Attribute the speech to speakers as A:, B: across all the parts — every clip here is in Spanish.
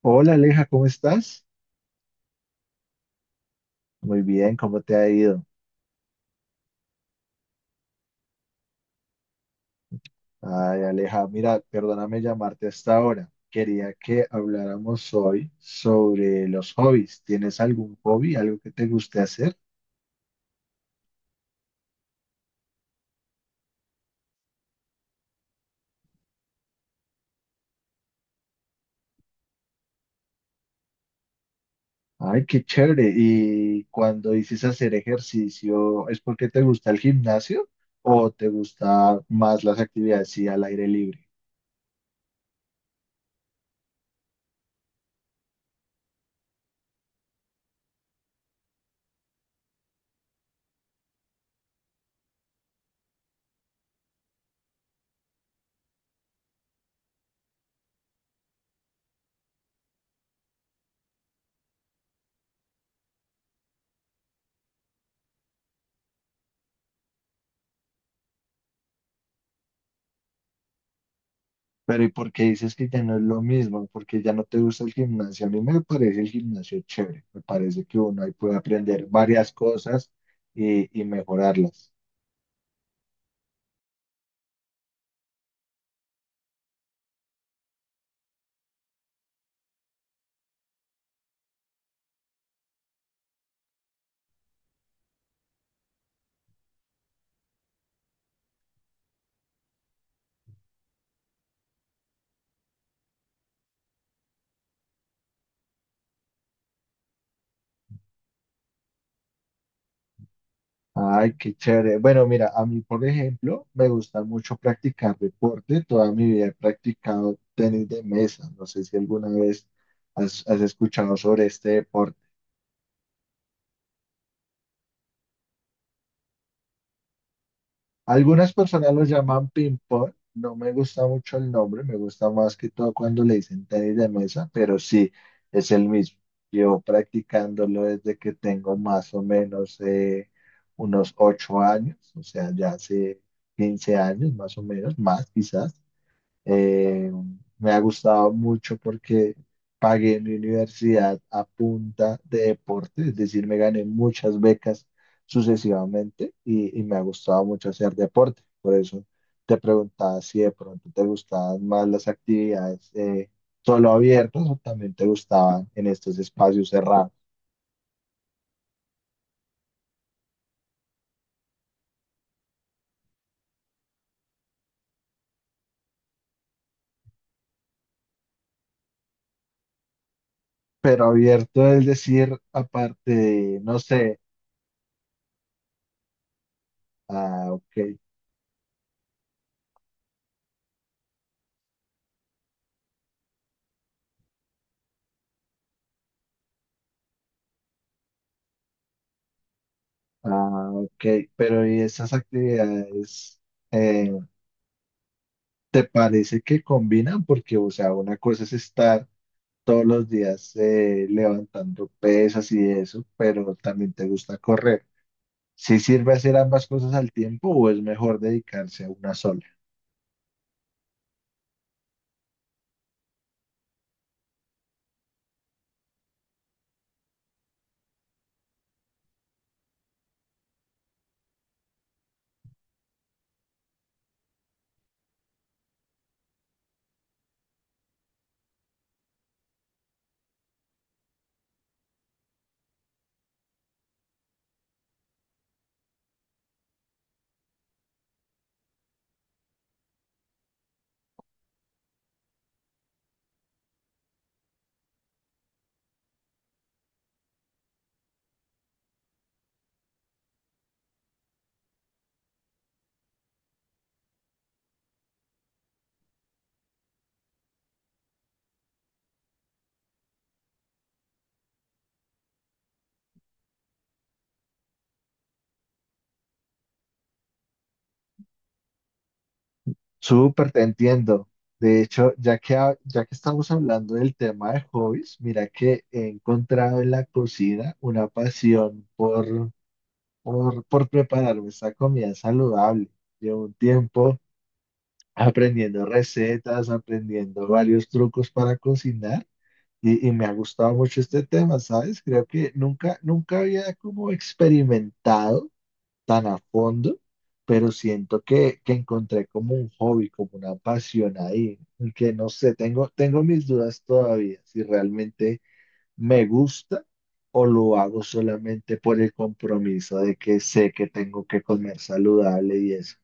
A: Hola Aleja, ¿cómo estás? Muy bien, ¿cómo te ha ido? Ay, Aleja, mira, perdóname llamarte hasta ahora. Quería que habláramos hoy sobre los hobbies. ¿Tienes algún hobby, algo que te guste hacer? Ay, qué chévere. ¿Y cuando dices hacer ejercicio, es porque te gusta el gimnasio o te gusta más las actividades sí, al aire libre? Pero ¿y por qué dices que ya no es lo mismo? Porque ya no te gusta el gimnasio. A mí me parece el gimnasio chévere. Me parece que uno ahí puede aprender varias cosas y mejorarlas. Ay, qué chévere. Bueno, mira, a mí, por ejemplo, me gusta mucho practicar deporte. Toda mi vida he practicado tenis de mesa. No sé si alguna vez has escuchado sobre este deporte. Algunas personas lo llaman ping pong, no me gusta mucho el nombre, me gusta más que todo cuando le dicen tenis de mesa, pero sí, es el mismo. Llevo practicándolo desde que tengo más o menos unos 8 años, o sea, ya hace 15 años más o menos, más quizás. Eh, Me ha gustado mucho porque pagué mi universidad a punta de deporte, es decir, me gané muchas becas sucesivamente y me ha gustado mucho hacer deporte. Por eso te preguntaba si de pronto te gustaban más las actividades solo abiertas o también te gustaban en estos espacios cerrados. Pero abierto es decir, aparte de, no sé, ah, ok, ah, ok, pero y esas actividades eh, ¿te parece que combinan? Porque, o sea, una cosa es estar todos los días levantando pesas y eso, pero también te gusta correr. ¿Sí sirve hacer ambas cosas al tiempo o es mejor dedicarse a una sola? Súper, te entiendo. De hecho, ya que estamos hablando del tema de hobbies, mira que he encontrado en la cocina una pasión por prepararme esta comida saludable. Llevo un tiempo aprendiendo recetas, aprendiendo varios trucos para cocinar y me ha gustado mucho este tema, ¿sabes? Creo que nunca, nunca había como experimentado tan a fondo, pero siento que encontré como un hobby, como una pasión ahí, y que no sé, tengo, tengo mis dudas todavía si realmente me gusta, o lo hago solamente por el compromiso de que sé que tengo que comer saludable y eso.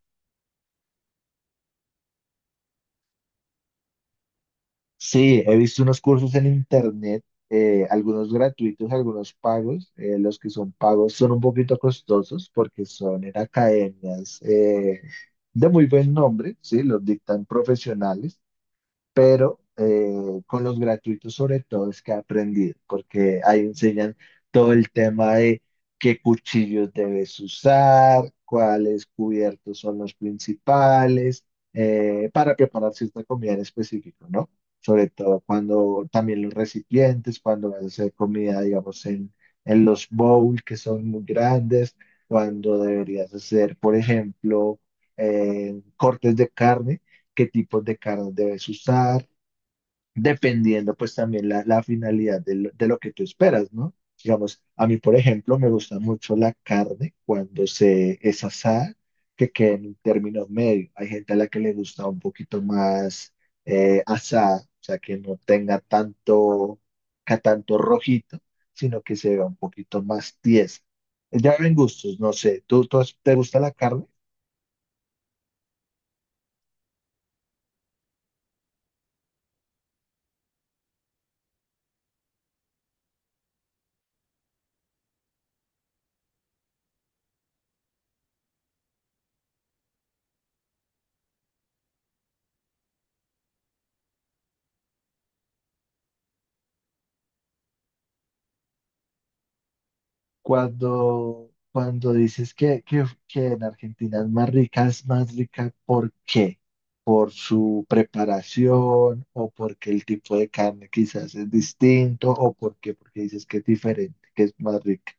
A: Sí, he visto unos cursos en internet, algunos gratuitos, algunos pagos. Los que son pagos son un poquito costosos porque son en academias de muy buen nombre, sí, los dictan profesionales pero con los gratuitos sobre todo es que he aprendido, porque ahí enseñan todo el tema de qué cuchillos debes usar, cuáles cubiertos son los principales, para preparar cierta comida en específico, ¿no? Sobre todo cuando también los recipientes, cuando vas a hacer comida, digamos, en los bowls que son muy grandes, cuando deberías hacer, por ejemplo, cortes de carne, qué tipos de cartas debes usar, dependiendo pues también la finalidad de de lo que tú esperas, ¿no? Digamos, a mí, por ejemplo, me gusta mucho la carne cuando se es asada, que quede en términos medios. Hay gente a la que le gusta un poquito más asada, o sea, que no tenga tanto, tanto rojito, sino que se vea un poquito más tiesa. Ya ven gustos, no sé, te gusta la carne? Cuando, cuando dices que en Argentina es más rica, ¿por qué? ¿Por su preparación o porque el tipo de carne quizás es distinto o por qué? Porque dices que es diferente, que es más rica.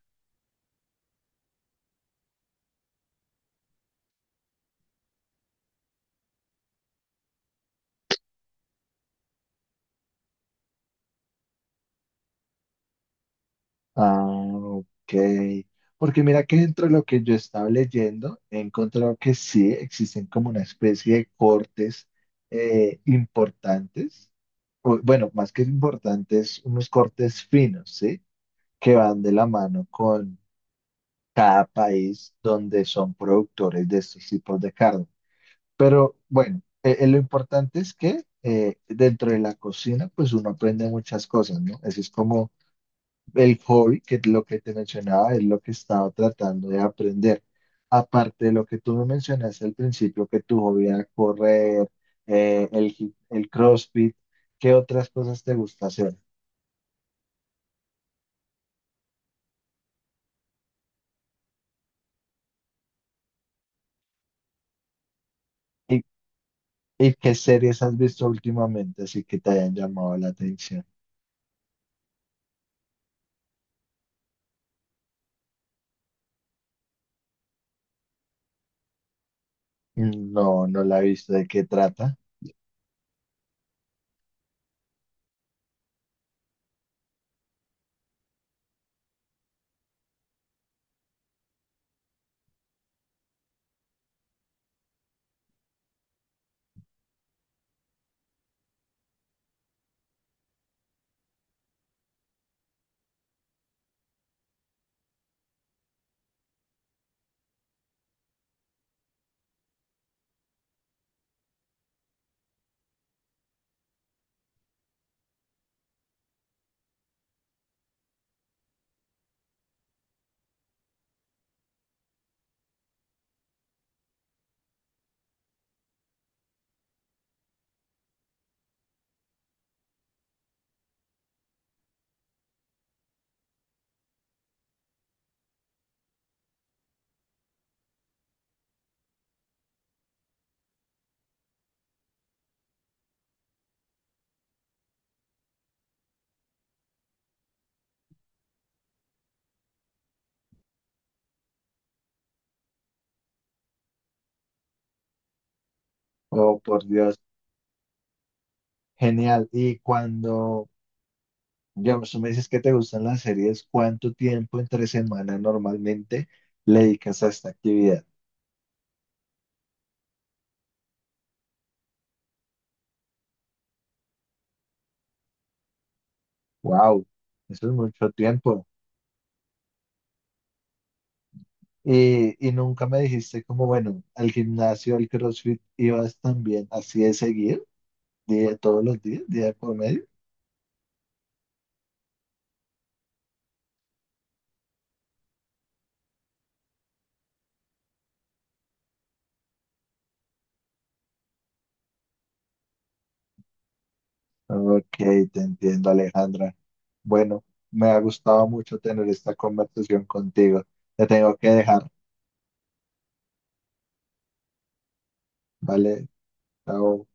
A: Ah, ok. Porque mira que dentro de lo que yo estaba leyendo, he encontrado que sí existen como una especie de cortes importantes, o, bueno, más que importantes, unos cortes finos, ¿sí? Que van de la mano con cada país donde son productores de estos tipos de carne. Bueno, lo importante es que dentro de la cocina, pues uno aprende muchas cosas, ¿no? Ese es como el hobby, que es lo que te mencionaba, es lo que estaba tratando de aprender. Aparte de lo que tú me mencionaste al principio, que tu hobby era correr, el CrossFit, ¿qué otras cosas te gusta hacer? ¿Y, y qué series has visto últimamente así que te hayan llamado la atención? No, no la he visto. ¿De qué trata? Oh, por Dios. Genial. Y cuando, digamos, tú me dices que te gustan las series, ¿cuánto tiempo entre semana normalmente le dedicas a esta actividad? Wow, eso es mucho tiempo. Y nunca me dijiste como, bueno, al gimnasio, al CrossFit, ibas también así de seguir, día, todos los días, día por medio. Ok, te entiendo, Alejandra. Bueno, me ha gustado mucho tener esta conversación contigo. Te tengo que dejar. Vale, chao.